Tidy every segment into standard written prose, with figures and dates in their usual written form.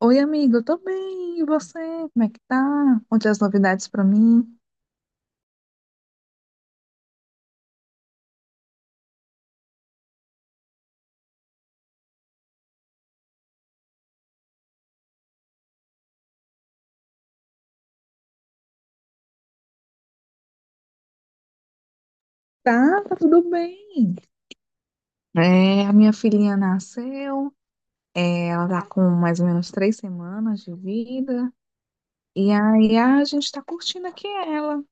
Oi, amigo, eu tô bem. E você? Como é que tá? Onde as novidades pra mim? Tá, tá tudo bem. A minha filhinha nasceu, ela tá com mais ou menos três semanas de vida, e aí a gente tá curtindo aqui ela.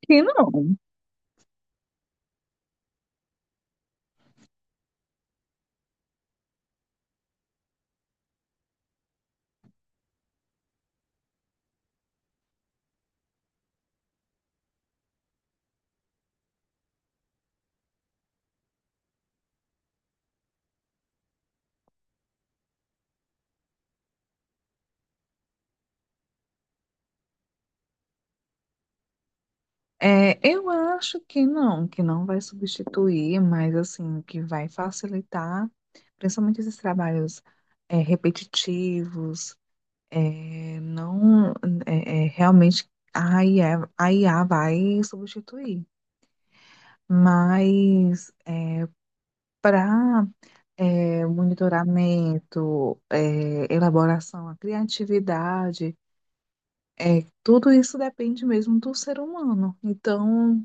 Que não. Eu acho que não vai substituir, mas assim, que vai facilitar, principalmente esses trabalhos, repetitivos. É, não, é, é, realmente a IA vai substituir, mas para monitoramento, elaboração, a criatividade, tudo isso depende mesmo do ser humano. Então,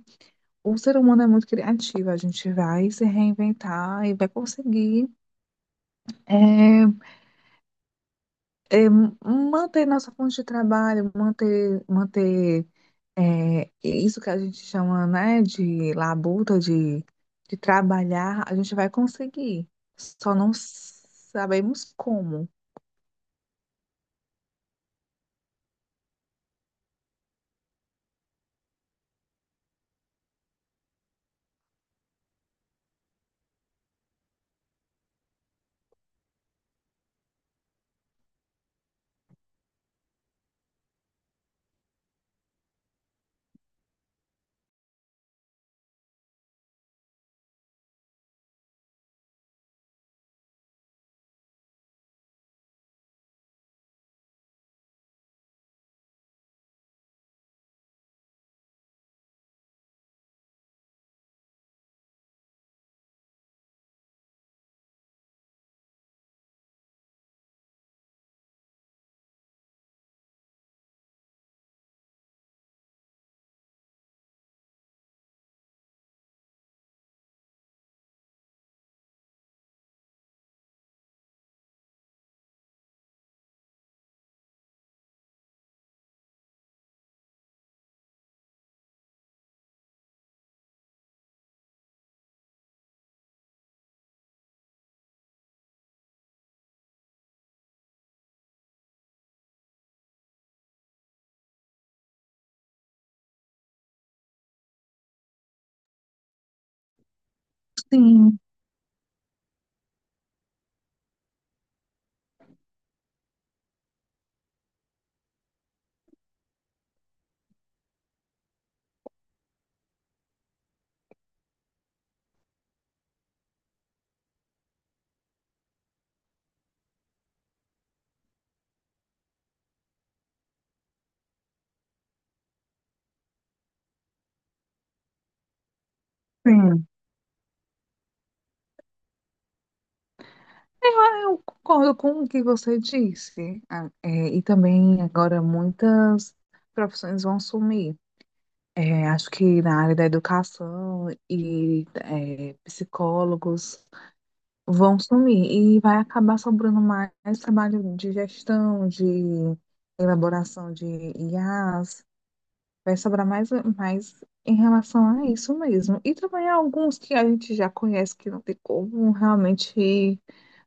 o ser humano é muito criativo, a gente vai se reinventar e vai conseguir é, manter nossa fonte de trabalho, manter. É isso que a gente chama, né, de labuta, de trabalhar, a gente vai conseguir. Só não sabemos como. Sim, sim. Ah, eu concordo com o que você disse. Ah, é, e também agora muitas profissões vão sumir. É, acho que na área da educação psicólogos, vão sumir e vai acabar sobrando mais trabalho de gestão, de elaboração de IAs, vai sobrar mais, mais em relação a isso mesmo. E também alguns que a gente já conhece que não tem como realmente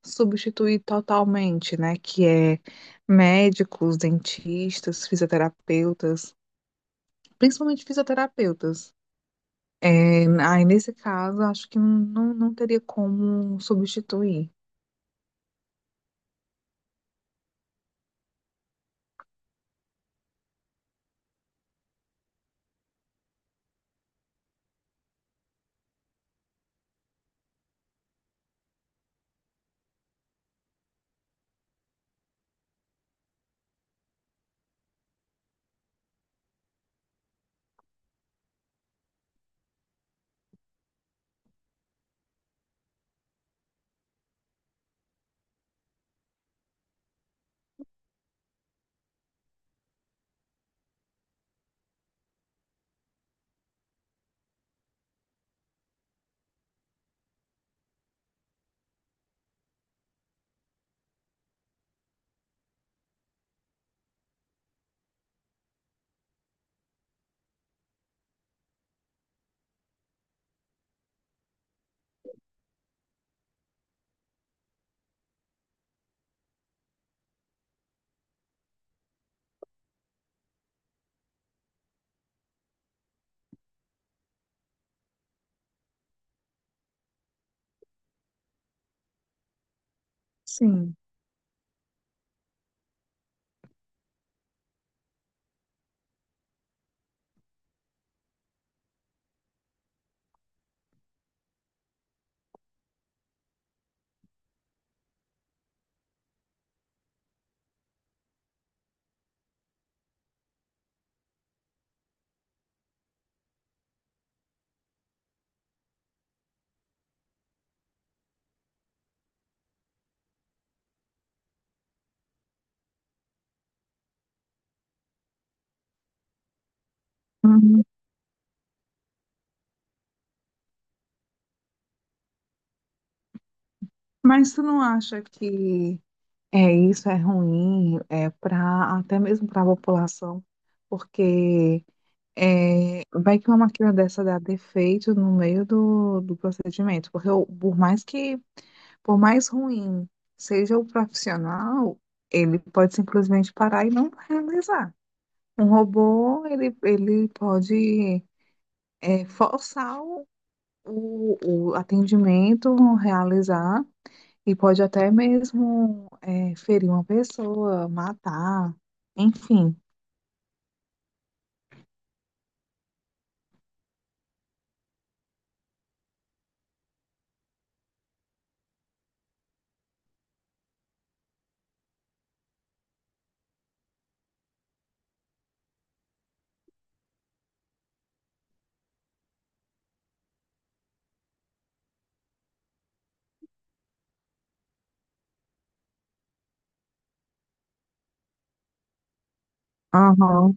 substituir totalmente, né? Que é médicos, dentistas, fisioterapeutas, principalmente fisioterapeutas. É, aí, nesse caso, acho que não, não teria como substituir. Sim. Mas tu não acha que é isso é ruim é para até mesmo para a população, porque é, vai que uma máquina dessa dá defeito no meio do procedimento, porque por mais que, por mais ruim seja o profissional, ele pode simplesmente parar e não realizar. Um robô, ele pode forçar o o atendimento, realizar. E pode até mesmo ferir uma pessoa, matar, enfim. Aham,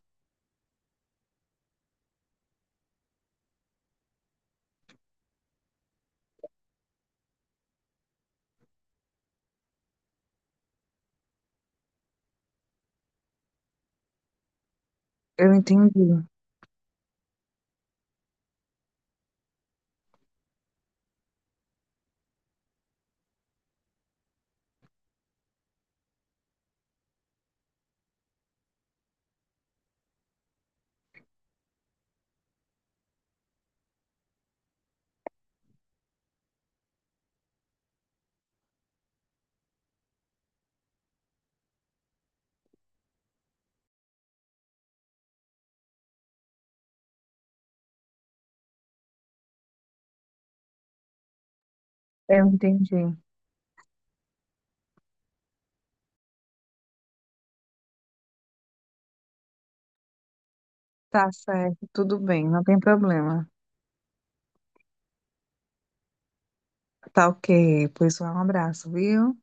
eu entendi. Eu entendi. Tá certo, tudo bem, não tem problema. Tá, ok, pois um abraço, viu?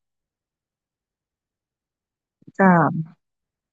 Tchau.